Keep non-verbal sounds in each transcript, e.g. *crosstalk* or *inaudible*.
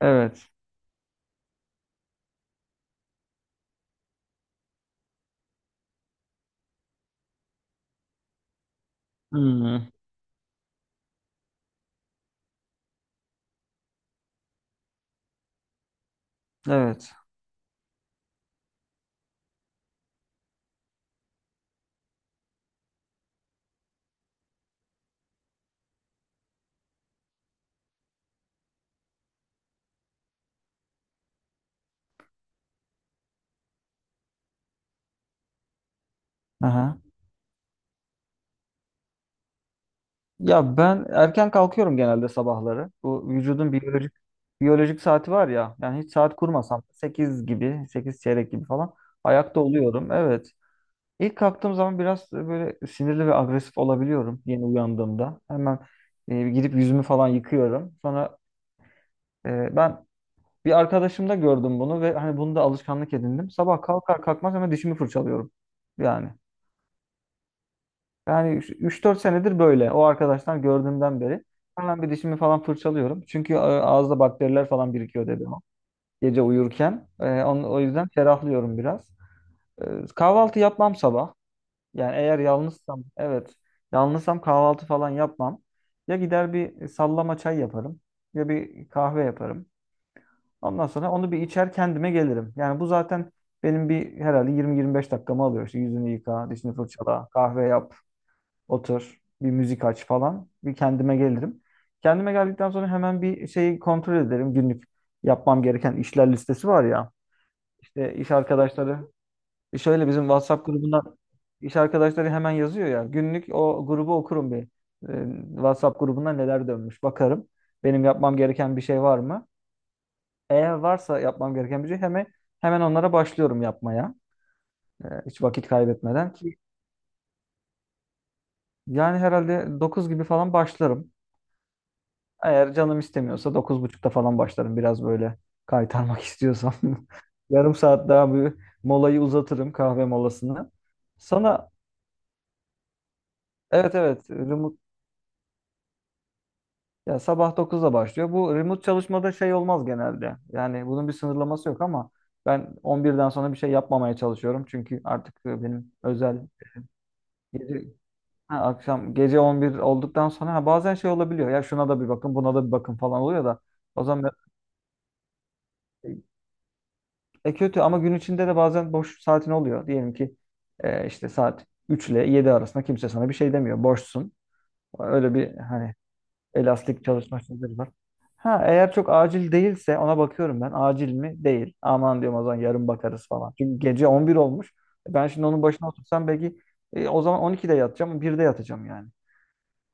Evet. Hmm, evet. Aha. Ya ben erken kalkıyorum genelde sabahları. Bu vücudun biyolojik saati var ya. Yani hiç saat kurmasam 8 gibi, 8 çeyrek gibi falan ayakta oluyorum. Evet. İlk kalktığım zaman biraz böyle sinirli ve agresif olabiliyorum yeni uyandığımda. Hemen gidip yüzümü falan yıkıyorum. Sonra ben bir arkadaşımda gördüm bunu ve hani bunu da alışkanlık edindim. Sabah kalkar kalkmaz hemen dişimi fırçalıyorum. Yani. Yani üç dört senedir böyle. O arkadaşlar gördüğümden beri. Hemen bir dişimi falan fırçalıyorum. Çünkü ağızda bakteriler falan birikiyor dedi o. Gece uyurken. Onu, o yüzden ferahlıyorum biraz. Kahvaltı yapmam sabah. Yani eğer yalnızsam, evet. Yalnızsam kahvaltı falan yapmam. Ya gider bir sallama çay yaparım. Ya bir kahve yaparım. Ondan sonra onu bir içer kendime gelirim. Yani bu zaten benim bir herhalde 20-25 dakikamı alıyor. İşte yüzünü yıka, dişini fırçala, kahve yap. Otur, bir müzik aç falan. Bir kendime gelirim. Kendime geldikten sonra hemen bir şeyi kontrol ederim. Günlük yapmam gereken işler listesi var ya. İşte iş arkadaşları şöyle bizim WhatsApp grubundan iş arkadaşları hemen yazıyor ya. Günlük o grubu okurum bir. Ee, WhatsApp grubunda neler dönmüş bakarım. Benim yapmam gereken bir şey var mı? Eğer varsa yapmam gereken bir şey hemen onlara başlıyorum yapmaya. Hiç vakit kaybetmeden ki yani herhalde 9 gibi falan başlarım. Eğer canım istemiyorsa dokuz buçukta falan başlarım biraz böyle kaytarmak istiyorsam. *laughs* Yarım saat daha bir molayı uzatırım kahve molasını. Sana evet, evet, remote. Ya, sabah 9'da başlıyor. Bu remote çalışmada şey olmaz genelde. Yani bunun bir sınırlaması yok ama ben on birden sonra bir şey yapmamaya çalışıyorum. Çünkü artık benim özel gece. Ha, akşam gece 11 olduktan sonra ha, bazen şey olabiliyor. Ya şuna da bir bakın, buna da bir bakın falan oluyor da o zaman. E, kötü ama gün içinde de bazen boş saatin oluyor. Diyelim ki işte saat 3 ile 7 arasında kimse sana bir şey demiyor. Boşsun. Öyle bir hani elastik çalışma şeyleri var. Ha, eğer çok acil değilse ona bakıyorum ben. Acil mi? Değil. Aman diyorum, o zaman yarın bakarız falan. Çünkü gece 11 olmuş. Ben şimdi onun başına otursam belki o zaman 12'de yatacağım, 1'de yatacağım yani.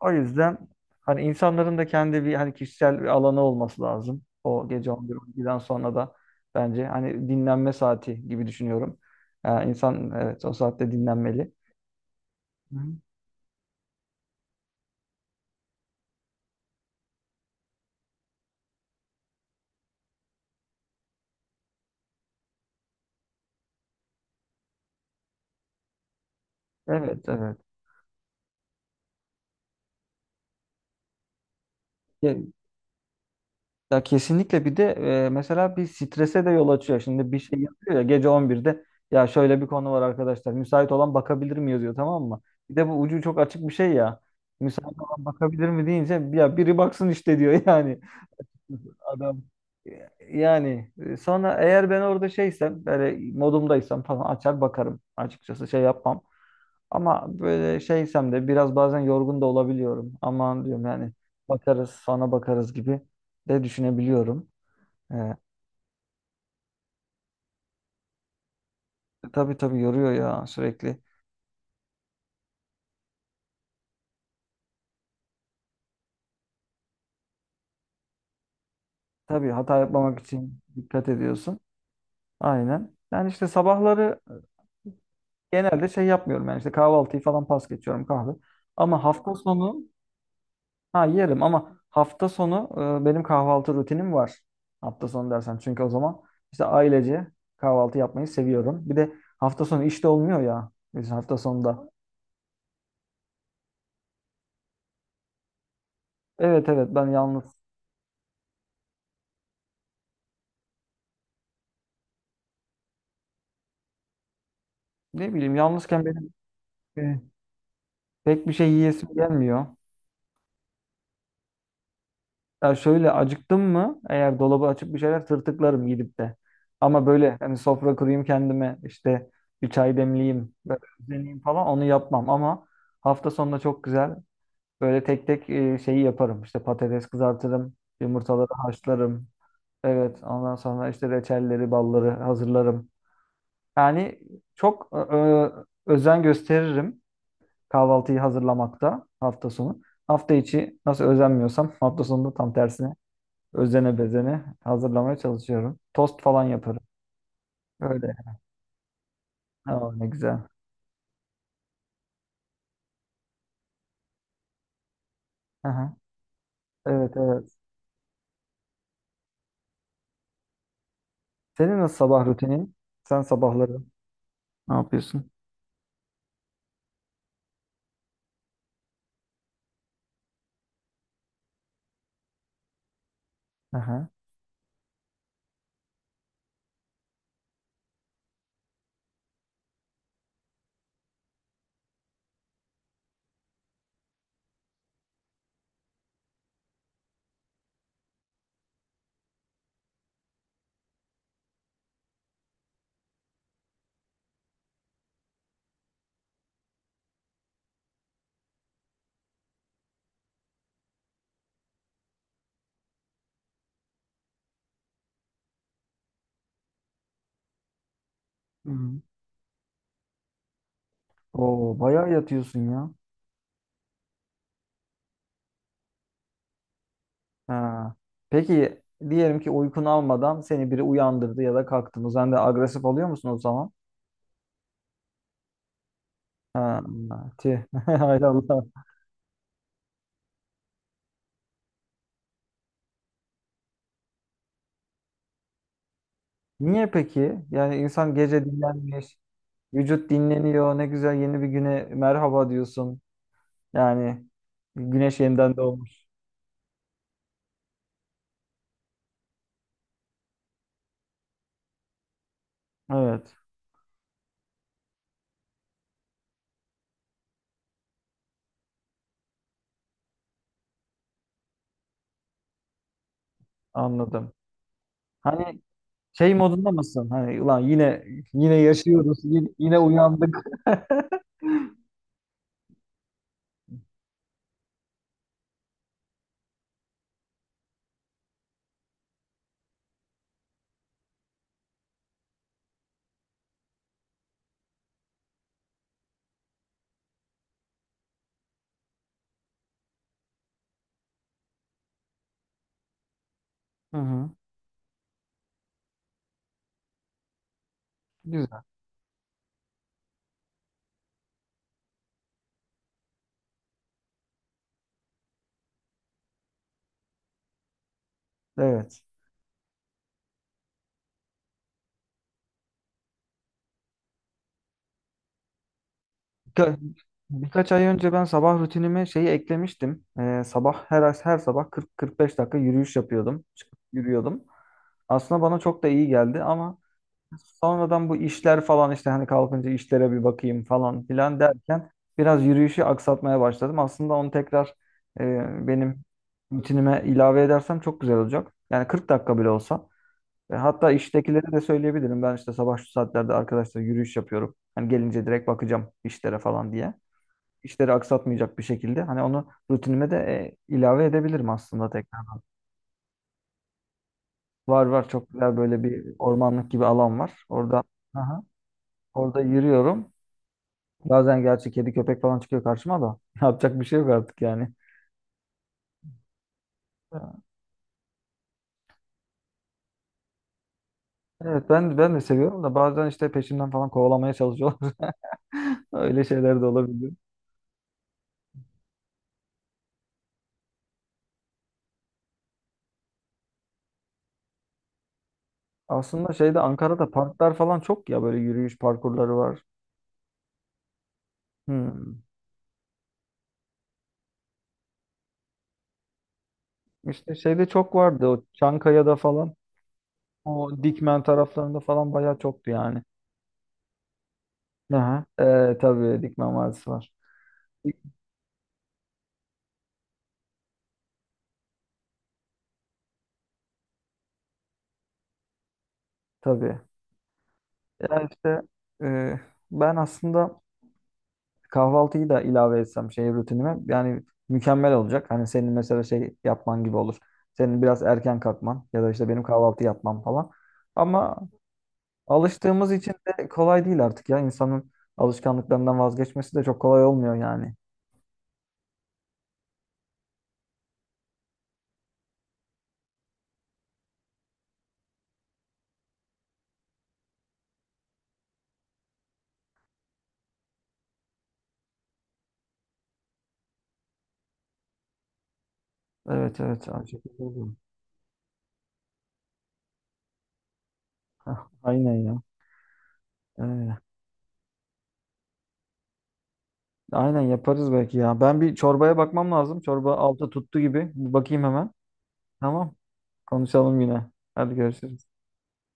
O yüzden hani insanların da kendi bir hani kişisel bir alanı olması lazım. O gece 11-12'den sonra da bence hani dinlenme saati gibi düşünüyorum. Yani insan evet o saatte dinlenmeli. Hı. Evet, evet. Ke- Ya kesinlikle bir de mesela bir strese de yol açıyor. Şimdi bir şey yazıyor ya, gece 11'de. Ya şöyle bir konu var arkadaşlar. Müsait olan bakabilir mi yazıyor, tamam mı? Bir de bu ucu çok açık bir şey ya. Müsait olan bakabilir mi deyince ya biri baksın işte diyor *laughs* yani. *laughs* Adam yani sonra eğer ben orada şeysem, böyle modumdaysam falan açar bakarım açıkçası, şey yapmam. Ama böyle şeysem de biraz bazen yorgun da olabiliyorum. Aman diyorum yani bakarız, sonra bakarız gibi de düşünebiliyorum. Ee, tabii tabii yoruyor ya sürekli. Tabii hata yapmamak için dikkat ediyorsun. Aynen. Yani işte sabahları genelde şey yapmıyorum, yani işte kahvaltıyı falan pas geçiyorum, kahve. Ama hafta sonu. Ha, yerim ama hafta sonu benim kahvaltı rutinim var. Hafta sonu dersen çünkü o zaman işte ailece kahvaltı yapmayı seviyorum. Bir de hafta sonu işte olmuyor ya. Biz hafta sonunda. Evet, evet, ben yalnız, ne bileyim, yalnızken benim e, pek bir şey yiyesim gelmiyor. Ya şöyle, acıktım mı eğer, dolabı açıp bir şeyler tırtıklarım gidip de. Ama böyle hani sofra kurayım kendime, işte bir çay demleyeyim, böyle üzerine falan, onu yapmam ama hafta sonunda çok güzel. Böyle tek tek şeyi yaparım. İşte patates kızartırım, yumurtaları haşlarım. Evet, ondan sonra işte reçelleri, balları hazırlarım. Yani çok özen gösteririm kahvaltıyı hazırlamakta hafta sonu. Hafta içi nasıl özenmiyorsam hafta sonunda tam tersine özene bezene hazırlamaya çalışıyorum. Tost falan yaparım. Öyle. Aa, ne güzel. Aha. Evet, evet. Senin nasıl sabah rutinin? Sen sabahları ne yapıyorsun? Aha. Hı. Hmm. Oo, bayağı yatıyorsun ya. Ha. Peki, diyelim ki uykun almadan seni biri uyandırdı ya da kalktın. Sen de agresif oluyor musun o zaman? Ha. Tüh. *laughs* Hay Allah. Niye peki? Yani insan gece dinlenmiş, vücut dinleniyor. Ne güzel, yeni bir güne merhaba diyorsun. Yani güneş yeniden doğmuş. Evet, anladım. Hani şey modunda mısın? Hani ulan yine, yine yaşıyoruz. Yine, yine uyandık. *laughs* Hı hı. Güzel. Evet. Birka- birkaç ay önce ben sabah rutinime şeyi eklemiştim. Sabah her sabah 40-45 dakika yürüyüş yapıyordum. Çıkıp yürüyordum. Aslında bana çok da iyi geldi ama sonradan bu işler falan, işte hani kalkınca işlere bir bakayım falan filan derken biraz yürüyüşü aksatmaya başladım. Aslında onu tekrar benim rutinime ilave edersem çok güzel olacak. Yani 40 dakika bile olsa. E, hatta iştekilere de söyleyebilirim. Ben işte sabah şu saatlerde arkadaşlar yürüyüş yapıyorum. Hani gelince direkt bakacağım işlere falan diye. İşleri aksatmayacak bir şekilde. Hani onu rutinime de ilave edebilirim aslında tekrar. Var, var, çok güzel böyle bir ormanlık gibi alan var. Orada, aha, orada yürüyorum. Bazen gerçi kedi köpek falan çıkıyor karşıma da. *laughs* Yapacak bir şey yok artık yani. Evet, ben de seviyorum da bazen işte peşimden falan kovalamaya çalışıyorlar. *laughs* Öyle şeyler de olabiliyor. Aslında şeyde, Ankara'da, parklar falan çok ya, böyle yürüyüş parkurları var. Hmm. İşte şeyde çok vardı o, Çankaya'da falan. O Dikmen taraflarında falan bayağı çoktu yani. Aha. Tabii Dikmen Vadisi var. Tabii. Ya işte e, ben aslında kahvaltıyı da ilave etsem şey rutinime, yani mükemmel olacak. Hani senin mesela şey yapman gibi olur. Senin biraz erken kalkman ya da işte benim kahvaltı yapmam falan. Ama alıştığımız için de kolay değil artık ya. İnsanın alışkanlıklarından vazgeçmesi de çok kolay olmuyor yani. Evet, evet. Aynı şekilde oluyor. Hah, aynen ya. Öyle. Aynen yaparız belki ya. Ben bir çorbaya bakmam lazım. Çorba altı tuttu gibi. Bir bakayım hemen. Tamam. Konuşalım yine. Hadi görüşürüz.